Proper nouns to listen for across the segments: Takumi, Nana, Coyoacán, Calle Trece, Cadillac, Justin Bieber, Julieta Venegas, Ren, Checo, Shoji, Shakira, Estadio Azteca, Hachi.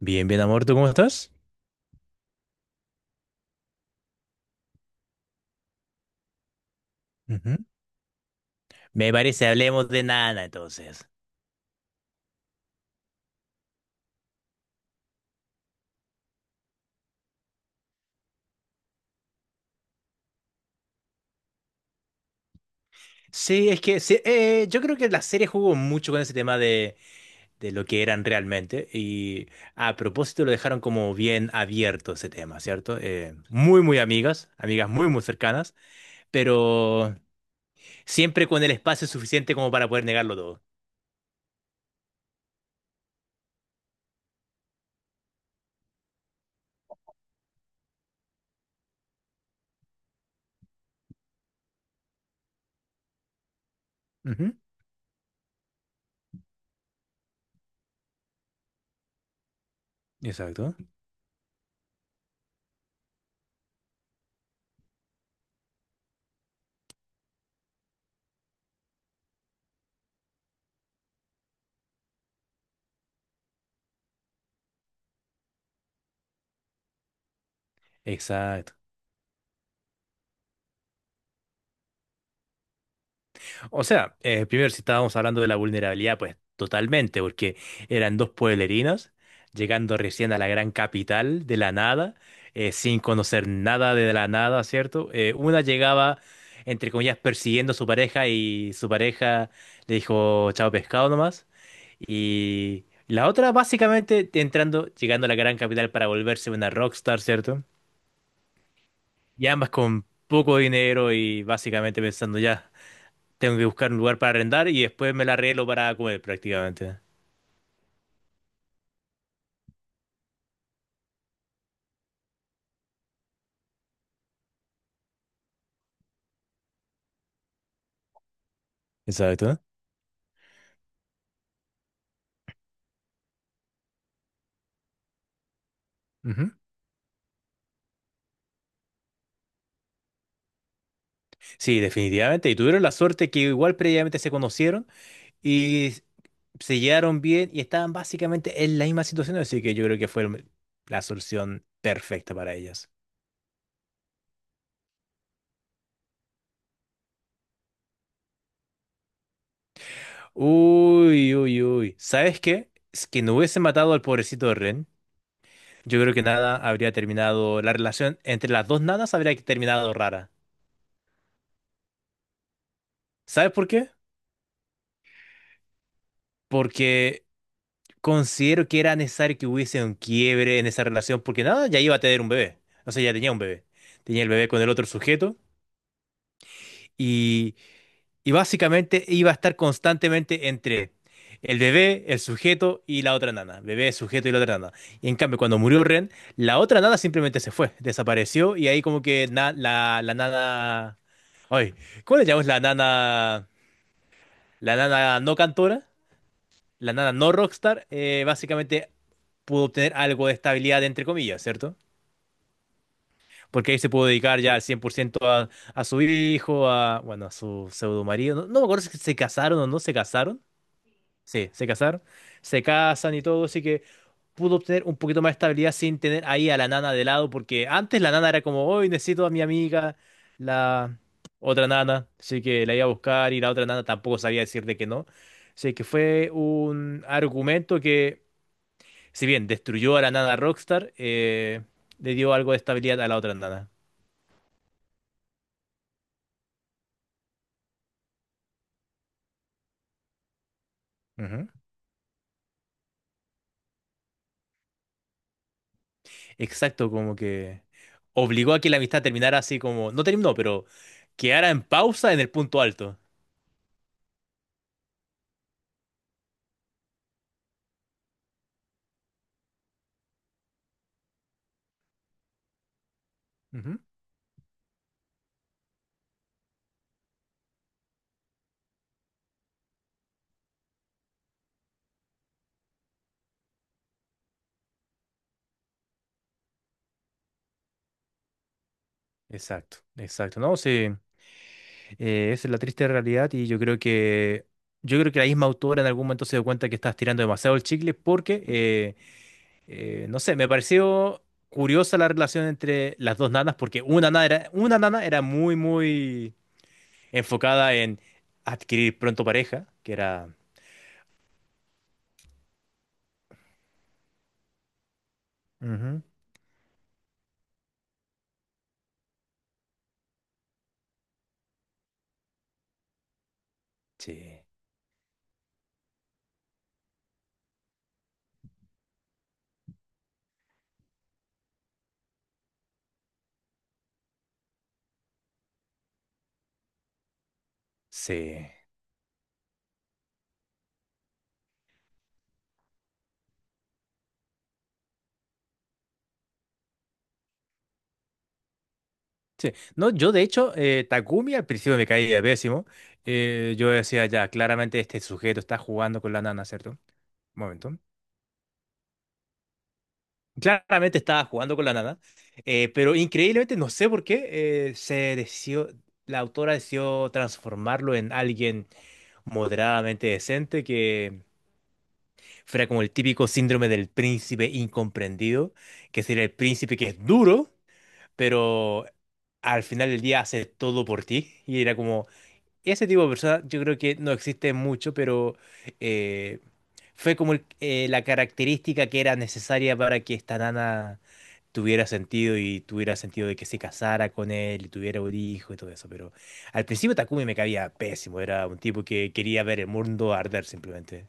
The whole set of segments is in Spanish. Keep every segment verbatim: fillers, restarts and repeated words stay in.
Bien, bien, amor, ¿tú cómo estás? Ujú. Me parece, hablemos de Nana entonces. Sí, es que sí, eh, yo creo que la serie jugó mucho con ese tema de, de lo que eran realmente y a propósito lo dejaron como bien abierto ese tema, ¿cierto? Eh, muy, muy amigas, amigas muy, muy cercanas, pero siempre con el espacio suficiente como para poder negarlo todo. Ujú. Exacto, exacto. O sea, eh, primero, si estábamos hablando de la vulnerabilidad, pues totalmente, porque eran dos pueblerinos llegando recién a la gran capital de la nada, eh, sin conocer nada de la nada, ¿cierto? Eh, una llegaba, entre comillas, persiguiendo a su pareja y su pareja le dijo chao pescado nomás. Y la otra, básicamente, entrando, llegando a la gran capital para volverse una rockstar, ¿cierto? Y ambas con poco dinero y básicamente pensando ya. Tengo que buscar un lugar para arrendar y después me la arreglo para comer prácticamente. Exacto. Ujú. Sí, definitivamente. Y tuvieron la suerte que igual previamente se conocieron y se llevaron bien y estaban básicamente en la misma situación, así que yo creo que fue el- la solución perfecta para ellas. Uy, uy, uy. ¿Sabes qué? Es que no hubiese matado al pobrecito de Ren. Yo creo que nada habría terminado, la relación entre las dos nanas habría terminado rara. ¿Sabes por qué? Porque considero que era necesario que hubiese un quiebre en esa relación porque nada, ya iba a tener un bebé. O sea, ya tenía un bebé. Tenía el bebé con el otro sujeto y, y básicamente iba a estar constantemente entre el bebé, el sujeto y la otra nana. Bebé, sujeto y la otra nana. Y en cambio, cuando murió Ren, la otra nana simplemente se fue, desapareció y ahí como que na- la, la nana... Ay, ¿cómo le llamamos la nana? La nana no cantora. La nada no Rockstar, eh, básicamente pudo obtener algo de estabilidad, entre comillas, ¿cierto? Porque ahí se pudo dedicar ya al cien por ciento a, a su hijo, a, bueno, a su pseudo marido. No, no me acuerdo si se casaron o no se casaron. Sí, se casaron. Se casan y todo, así que pudo obtener un poquito más de estabilidad sin tener ahí a la nana de lado, porque antes la nana era como, hoy necesito a mi amiga, la otra nana, así que la iba a buscar y la otra nana tampoco sabía decirle que no. Así que fue un argumento que si bien destruyó a la nana Rockstar, eh, le dio algo de estabilidad a la otra nana. Ujú. Exacto, como que obligó a que la amistad terminara así como, no terminó, pero quedara en pausa en el punto alto. Ujú. Exacto, exacto, ¿no? Sí, eh, esa es la triste realidad y yo creo que yo creo que la misma autora en algún momento se dio cuenta que estás tirando demasiado el chicle porque, eh, eh, no sé, me pareció curiosa la relación entre las dos nanas porque una nana era, una nana era muy, muy enfocada en adquirir pronto pareja, que era... Ujú. Sí, sí, sí. No, yo de hecho, eh, Takumi al principio me caía pésimo. Eh, yo decía, ya, claramente este sujeto está jugando con la nana, ¿cierto? Un momento. Claramente estaba jugando con la nana, eh, pero increíblemente, no sé por qué, eh, se decidió, la autora decidió transformarlo en alguien moderadamente decente que fuera como el típico síndrome del príncipe incomprendido, que sería el príncipe que es duro, pero al final del día hace todo por ti. Y era como, ese tipo de persona yo creo que no existe mucho, pero eh, fue como el- eh, la característica que era necesaria para que esta nana tuviera sentido y tuviera sentido de que se casara con él y tuviera un hijo y todo eso. Pero al principio Takumi me caía pésimo, era un tipo que quería ver el mundo arder simplemente.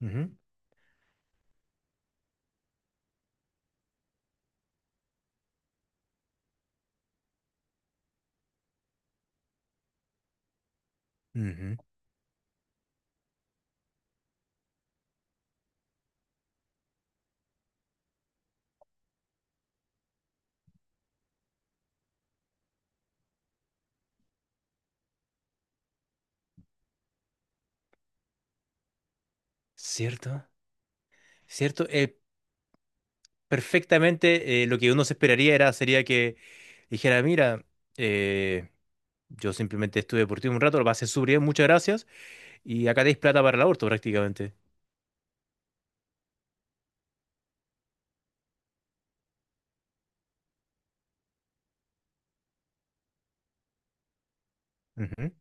Ujú, ujú. Cierto, cierto. Eh, perfectamente eh, lo que uno se esperaría era, sería que dijera, mira, eh, yo simplemente estuve por ti un rato, lo pasé súper bien, muchas gracias, y acá tenéis plata para el aborto prácticamente. Ujú.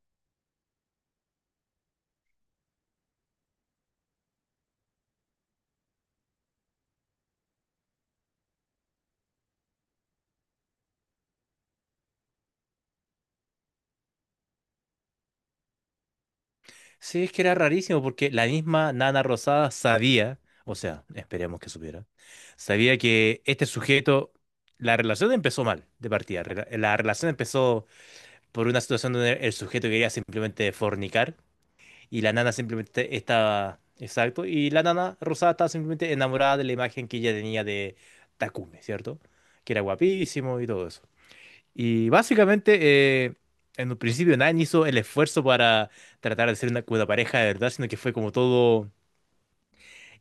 Sí, es que era rarísimo porque la misma Nana Rosada sabía, o sea, esperemos que supiera, sabía que este sujeto, la relación empezó mal de partida, rela- la relación empezó por una situación donde el sujeto quería simplemente fornicar. Y la nana simplemente estaba, exacto, y la nana rosada estaba simplemente enamorada de la imagen que ella tenía de Takumi, ¿cierto? Que era guapísimo y todo eso. Y básicamente, eh, en un principio nadie hizo el esfuerzo para tratar de ser una, una pareja de verdad, sino que fue como todo,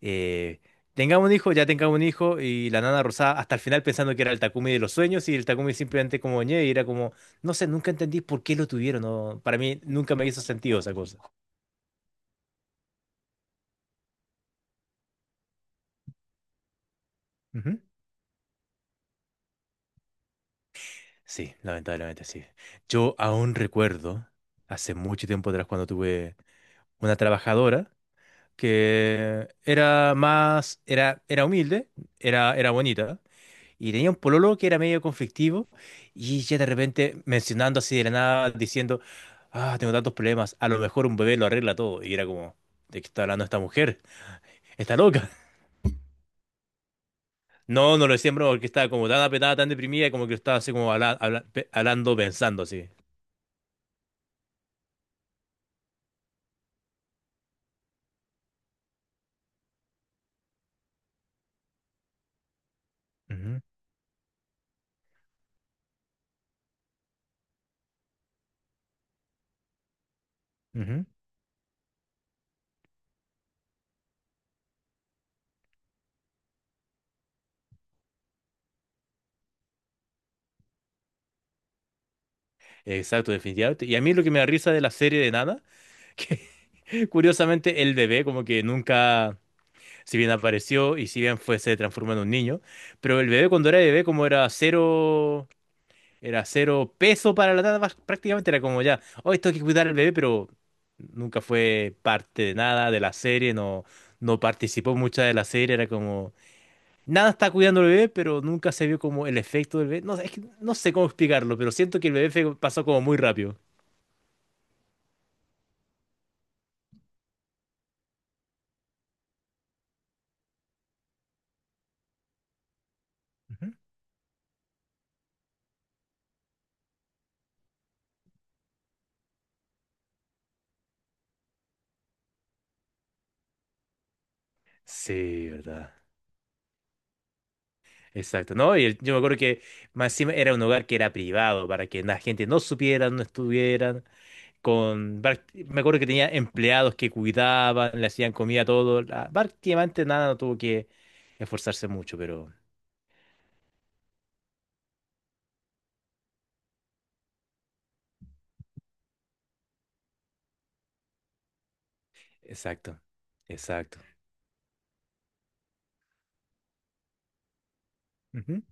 eh, tengamos un hijo, ya tengamos un hijo, y la nana rosada hasta el final pensando que era el Takumi de los sueños, y el Takumi simplemente como ñe, y era como, no sé, nunca entendí por qué lo tuvieron, no, para mí nunca me hizo sentido esa cosa. Ujú. Sí, lamentablemente sí. Yo aún recuerdo, hace mucho tiempo atrás, cuando tuve una trabajadora que era más, era, era humilde, era, era bonita, y tenía un pololo que era medio conflictivo, y ella de repente mencionando así de la nada, diciendo, ah, tengo tantos problemas, a lo mejor un bebé lo arregla todo, y era como, ¿de qué está hablando esta mujer? Está loca. No, no lo decía en broma, porque estaba como tan apretada, tan deprimida, como que estaba así como habla- habla- pe- hablando, pensando así. Ujú, ujú. Exacto, definitivamente. Y a mí lo que me da risa de la serie de Nana, que curiosamente el bebé como que nunca, si bien apareció y si bien fue, se transformó en un niño, pero el bebé cuando era bebé como era cero, era cero peso para la Nana, prá- prácticamente era como ya, hoy esto hay que cuidar al bebé, pero nunca fue parte de nada de la serie, no, no participó mucha de la serie, era como, nada está cuidando al bebé, pero nunca se vio como el efecto del bebé. No, sé- es que no sé cómo explicarlo, pero siento que el bebé fue- pasó como muy rápido. Sí, ¿verdad? Exacto, ¿no? Y el- yo me acuerdo que más encima era un hogar que era privado para que la gente no supiera, no estuvieran con... prac- Me acuerdo que tenía empleados que cuidaban, le hacían comida, todo. la- Prácticamente nada, no tuvo que esforzarse mucho, pero... Exacto, exacto. Ujú.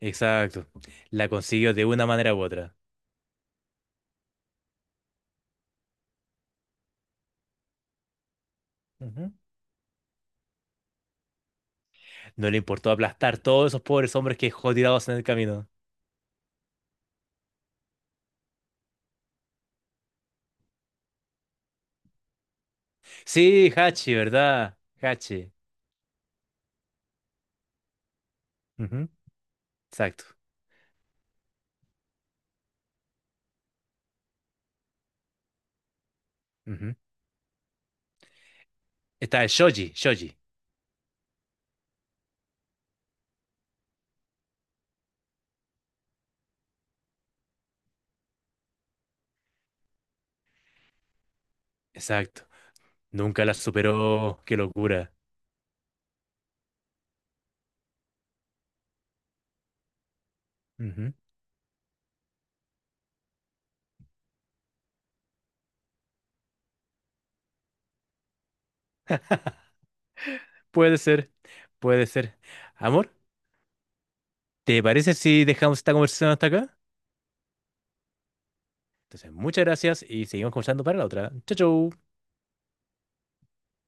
Exacto. La consiguió de una manera u otra. Ujú. No le importó aplastar todos esos pobres hombres que dejó tirados en el camino. Sí, Hachi, ¿verdad? Hachi. Ujú. Exacto. Ujú. Está el Shoji, Shoji. Exacto. Nunca la superó. Qué locura. Ujú. Puede ser, puede ser. Amor, ¿te parece si dejamos esta conversación hasta acá? Entonces, muchas gracias y seguimos conversando para la otra. Chau, chau.